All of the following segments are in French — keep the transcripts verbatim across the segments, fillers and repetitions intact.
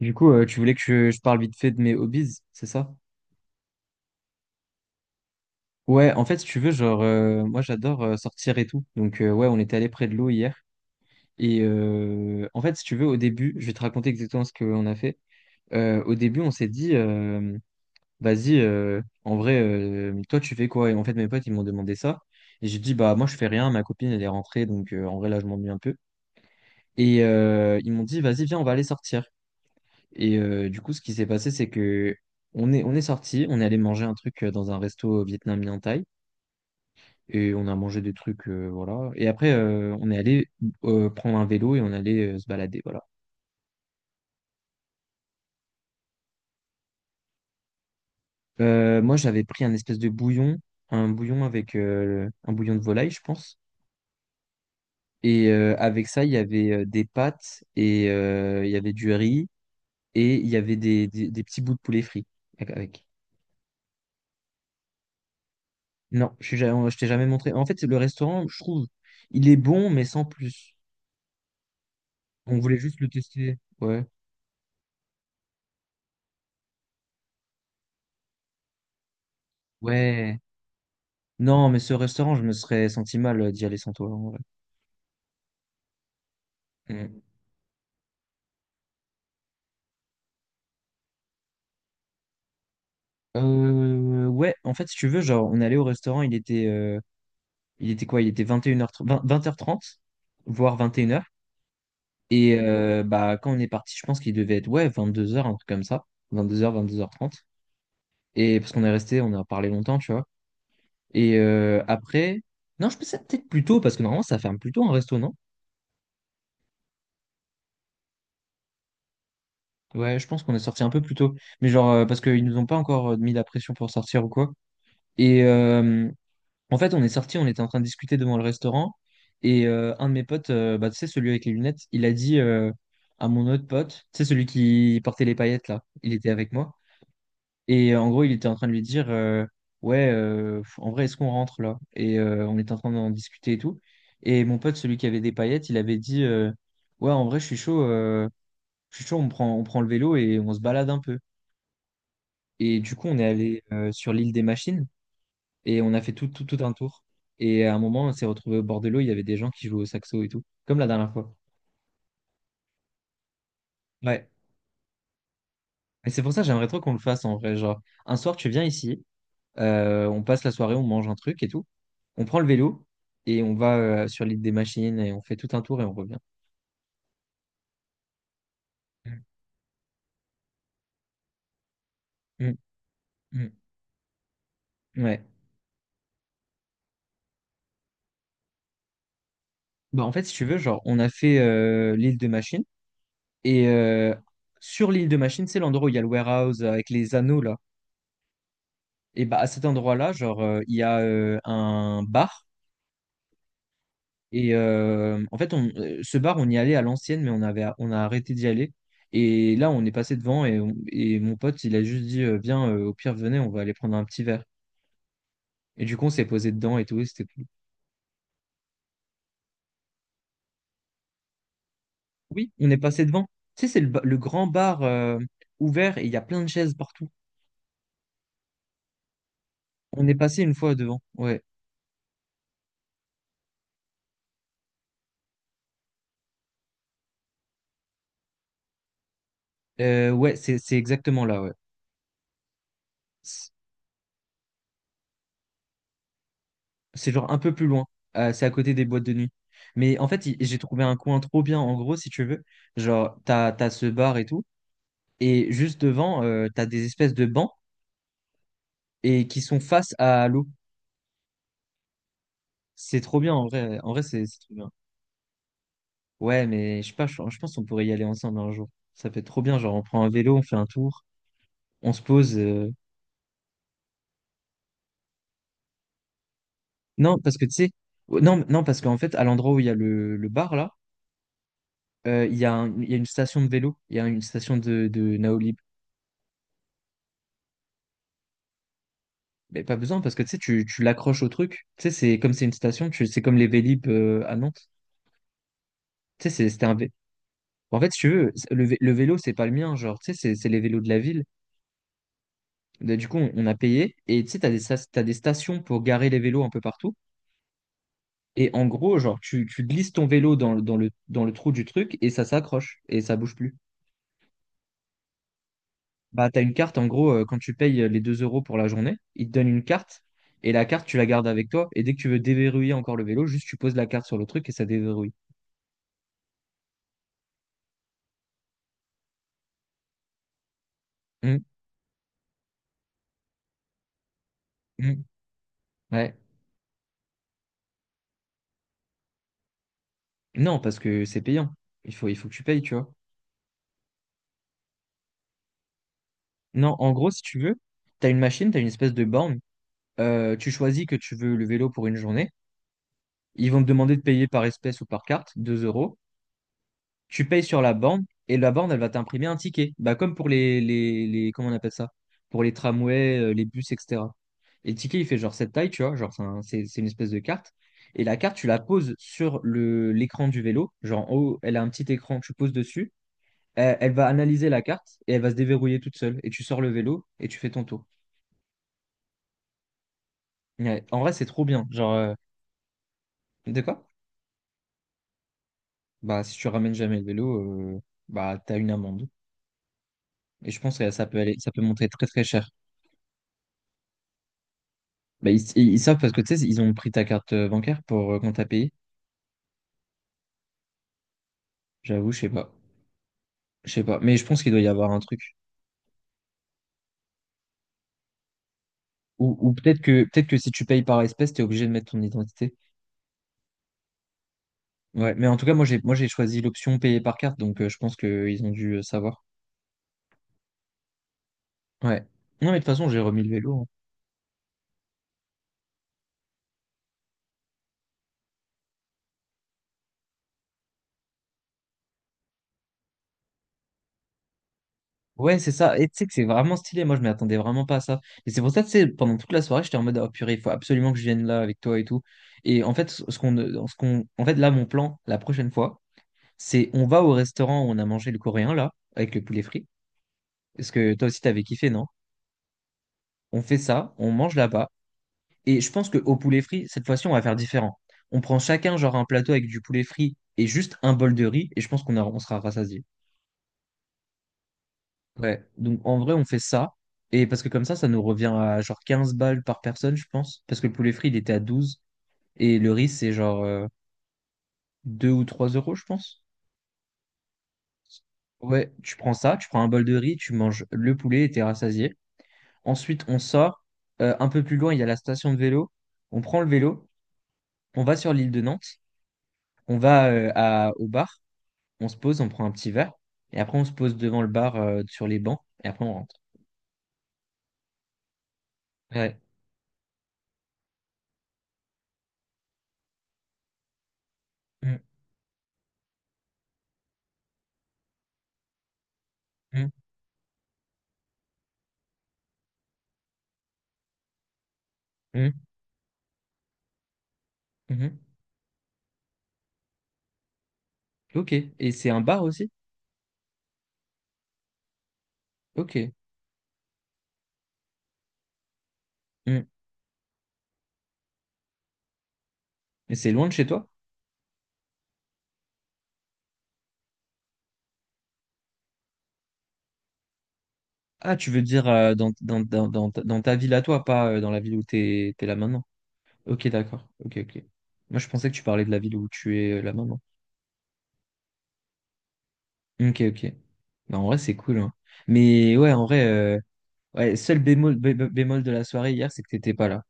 Du coup, euh, tu voulais que je, je parle vite fait de mes hobbies, c'est ça? Ouais, en fait, si tu veux, genre, euh, moi, j'adore euh, sortir et tout. Donc, euh, ouais, on était allé près de l'eau hier. Et euh, en fait, si tu veux, au début, je vais te raconter exactement ce qu'on a fait. Euh, au début, on s'est dit, euh, vas-y, euh, en vrai, euh, toi, tu fais quoi? Et en fait, mes potes, ils m'ont demandé ça. Et j'ai dit, bah, moi, je fais rien. Ma copine, elle est rentrée. Donc, euh, en vrai, là, je m'ennuie un peu. Et euh, ils m'ont dit, vas-y, viens, on va aller sortir. Et euh, du coup, ce qui s'est passé, c'est que on est, on est sorti, on est allé manger un truc euh, dans un resto vietnamien thaï, et on a mangé des trucs, euh, voilà. Et après, euh, on est allé euh, prendre un vélo et on allait euh, se balader, voilà. Euh, moi, j'avais pris un espèce de bouillon, un bouillon avec euh, un bouillon de volaille, je pense. Et euh, avec ça, il y avait euh, des pâtes et euh, il y avait du riz et il y avait des, des, des petits bouts de poulet frit avec. avec. Non, je suis ja- je t'ai jamais montré. En fait, le restaurant, je trouve, il est bon, mais sans plus. On voulait juste le tester. Ouais. Ouais. Non, mais ce restaurant, je me serais senti mal euh, d'y aller sans toi. En vrai. Mm. Euh, ouais, en fait, si tu veux, genre, on allait au restaurant, il était, euh, il était quoi? Il était vingt et une heures trente, vingt heures trente, voire vingt et une heures. Et une heures. Et euh, bah, quand on est parti, je pense qu'il devait être, ouais, vingt-deux heures, un truc comme ça. vingt-deux heures, vingt-deux heures trente. Et parce qu'on est resté, on a parlé longtemps, tu vois. Et euh, après, non, je pensais peut-être plus tôt, parce que normalement, ça ferme plus tôt un resto, non? Ouais, je pense qu'on est sorti un peu plus tôt. Mais genre, euh, parce qu'ils nous ont pas encore euh, mis la pression pour sortir ou quoi. Et euh, en fait, on est sorti, on était en train de discuter devant le restaurant. Et euh, un de mes potes, euh, bah, tu sais, celui avec les lunettes, il a dit euh, à mon autre pote, tu sais, celui qui portait les paillettes là, il était avec moi. Et euh, en gros, il était en train de lui dire, euh, ouais, euh, f- en vrai, est-ce qu'on rentre là? Et euh, on était en train d'en discuter et tout. Et mon pote, celui qui avait des paillettes, il avait dit, euh, ouais, en vrai, je suis chaud, euh, je suis chaud, on prend, on prend le vélo et on se balade un peu. Et du coup, on est allé euh, sur l'île des machines et on a fait tout, tout, tout un tour. Et à un moment, on s'est retrouvé au bord de l'eau, il y avait des gens qui jouaient au saxo et tout, comme la dernière fois. Ouais. Et c'est pour ça que j'aimerais trop qu'on le fasse en vrai. Genre, un soir, tu viens ici, euh, on passe la soirée, on mange un truc et tout. On prend le vélo et on va euh, sur l'île des machines et on fait tout un tour et on revient. Mm, mm, mm. Ouais. Bah, en fait, si tu veux, genre, on a fait euh, l'île de Machine. Et euh, sur l'île de Machine, c'est l'endroit où il y a le warehouse avec les anneaux, là. Et bah à cet endroit-là, genre euh, il y a euh, un bar et euh, en fait on, euh, ce bar on y allait à l'ancienne mais on avait on a arrêté d'y aller. Et là on est passé devant et, on- et mon pote il a juste dit euh, viens euh, au pire venez on va aller prendre un petit verre. Et du coup on s'est posé dedans et tout et c'était cool. Oui, on est passé devant. Tu sais c'est le, ba- le grand bar euh, ouvert et il y a plein de chaises partout. On est passé une fois devant. Ouais. Euh, ouais, c'est c'est exactement là, ouais. C'est genre un peu plus loin. Euh, c'est à côté des boîtes de nuit. Mais en fait, il- j'ai trouvé un coin trop bien, en gros, si tu veux. Genre, t'as, t'as ce bar et tout. Et juste devant, euh, t'as des espèces de bancs et qui sont face à l'eau. C'est trop bien, en vrai. En vrai, c'est c'est trop bien. Ouais, mais je sais pas, je, je pense qu'on pourrait y aller ensemble un jour. Ça peut être trop bien. Genre, on prend un vélo, on fait un tour, on se pose. euh, Non, parce que tu sais. oh, Non, non, parce qu'en fait, à l'endroit où il y a le, le bar, là, euh, il y a un- il y a une station de vélo. Il y a une station de, de Naoli. Mais pas besoin parce que tu sais, tu, tu l'accroches au truc. Tu sais, c'est comme c'est une station, tu, c'est comme les Vélib euh, à Nantes. Tu sais, c'est- c'était un vé- En fait, si tu veux, le, vé- le vélo, c'est pas le mien, genre, tu sais, c'est c'est les vélos de la ville. Bah, du coup, on, on a payé et tu sais, t'as des, sas- t'as des stations pour garer les vélos un peu partout. Et en gros, genre, tu, tu glisses ton vélo dans, le- dans le, dans le trou du truc et ça s'accroche et ça bouge plus. Bah, t'as une carte, en gros, euh, quand tu payes euh, les deux euros pour la journée, ils te donnent une carte et la carte, tu la gardes avec toi. Et dès que tu veux déverrouiller encore le vélo, juste tu poses la carte sur le truc et ça déverrouille. Mm. Ouais. Non, parce que c'est payant. Il faut, il faut que tu payes, tu vois. Non, en gros, si tu veux, tu as une machine, tu as une espèce de borne. Euh, tu choisis que tu veux le vélo pour une journée. Ils vont te demander de payer par espèce ou par carte, deux euros. Tu payes sur la borne et la borne, elle va t'imprimer un ticket. Bah, comme pour les, les, les, comment on appelle ça? Pour les tramways, euh, les bus, et cetera. Et le ticket, il fait genre cette taille, tu vois. Genre, c'est un- c'est c'est une espèce de carte. Et la carte, tu la poses sur le, l'écran du vélo. Genre, en haut, elle a un petit écran, tu poses dessus. elle, elle va analyser la carte et elle va se déverrouiller toute seule. Et tu sors le vélo et tu fais ton tour. Ouais. En vrai, c'est trop bien. Genre, euh, de quoi? Bah, si tu ramènes jamais le vélo, euh, bah, t'as une amende. Et je pense que ça peut aller, ça peut monter très très cher. Bah, ils, ils- ils savent parce que tu sais, ils ont pris ta carte euh, bancaire pour euh, quand t'as payé. J'avoue, je sais pas. Je sais pas. Mais je pense qu'il doit y avoir un truc. Ou, ou peut-être que, peut-être que si tu payes par espèce, t'es obligé de mettre ton identité. Ouais. Mais en tout cas, moi, j'ai, moi, j'ai choisi l'option payer par carte. Donc, euh, je pense qu'ils ont dû euh, savoir. Ouais. Non, mais de toute façon, j'ai remis le vélo, hein. Ouais, c'est ça. Et tu sais que c'est vraiment stylé. Moi, je m'y attendais vraiment pas à ça. Et c'est pour ça, tu sais, pendant toute la soirée, j'étais en mode, oh purée, il faut absolument que je vienne là avec toi et tout. Et en fait, ce ce qu'on, euh, ce qu'on, en fait, là, mon plan, la prochaine fois, c'est on va au restaurant où on a mangé le coréen, là, avec le poulet frit. Parce que toi aussi, t'avais kiffé, non? On fait ça, on mange là-bas. Et je pense qu'au poulet frit, cette fois-ci, on va faire différent. On prend chacun, genre, un plateau avec du poulet frit et juste un bol de riz. Et je pense qu'on a- on sera rassasiés. Ouais, donc en vrai, on fait ça. Et parce que comme ça, ça nous revient à genre quinze balles par personne, je pense. Parce que le poulet frit, il était à douze. Et le riz, c'est genre euh, deux ou trois euros, je pense. Ouais, tu prends ça, tu prends un bol de riz, tu manges le poulet et t'es rassasié. Ensuite, on sort. Euh, un peu plus loin, il y a la station de vélo. On prend le vélo, on va sur l'île de Nantes, on va euh, à, au bar, on se pose, on prend un petit verre. Et après, on se pose devant le bar euh, sur les bancs. Et après, on rentre. Ouais. Mm, mm, mm, mhm. Ok. Et c'est un bar aussi? Ok. Hmm. Et c'est loin de chez toi? Ah, tu veux dire euh, dans, dans, dans, dans, ta dans ta ville à toi, pas euh, dans la ville où t'es, t'es là maintenant. Ok, d'accord. Ok, ok. Moi, je pensais que tu parlais de la ville où tu es euh, là maintenant. Ok, ok. Bah, en vrai, c'est cool, hein. Mais ouais, en vrai, euh, ouais, seul bémol, bé- bé- bémol de la soirée hier, c'est que t'étais pas là.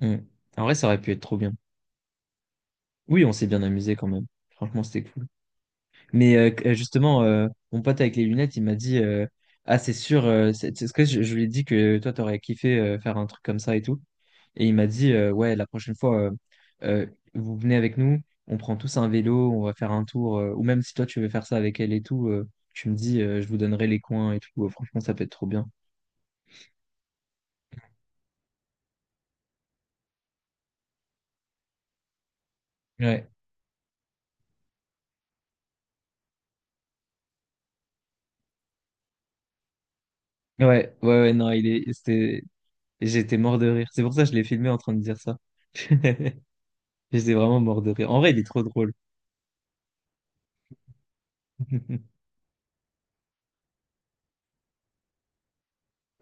Hmm. En vrai, ça aurait pu être trop bien. Oui, on s'est bien amusé quand même. Franchement, c'était cool. Mais euh, que- euh, justement, euh, mon pote avec les lunettes, il m'a dit euh, ah, c'est sûr, euh, c'est c'est ce que je, je lui ai dit que toi, t'aurais kiffé euh, faire un truc comme ça et tout. Et il m'a dit euh, ouais, la prochaine fois, euh, euh, vous venez avec nous, on prend tous un vélo, on va faire un tour. Euh, ou même si toi, tu veux faire ça avec elle et tout, euh, tu me dis euh, je vous donnerai les coins et tout. Euh, franchement, ça peut être trop bien. Ouais, ouais, ouais, ouais, non, il est, c'était, j'étais mort de rire. C'est pour ça que je l'ai filmé en train de dire ça. J'étais vraiment mort de rire. En vrai, il est trop drôle.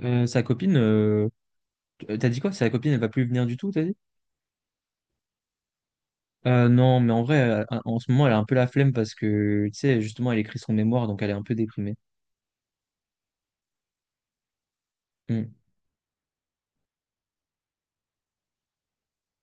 Euh, sa copine, euh, t'as dit quoi? Sa copine, elle va plus venir du tout, t'as dit? Euh, non, mais en vrai, euh, en ce moment, elle a un peu la flemme parce que, tu sais, justement, elle écrit son mémoire, donc elle est un peu déprimée. Hmm.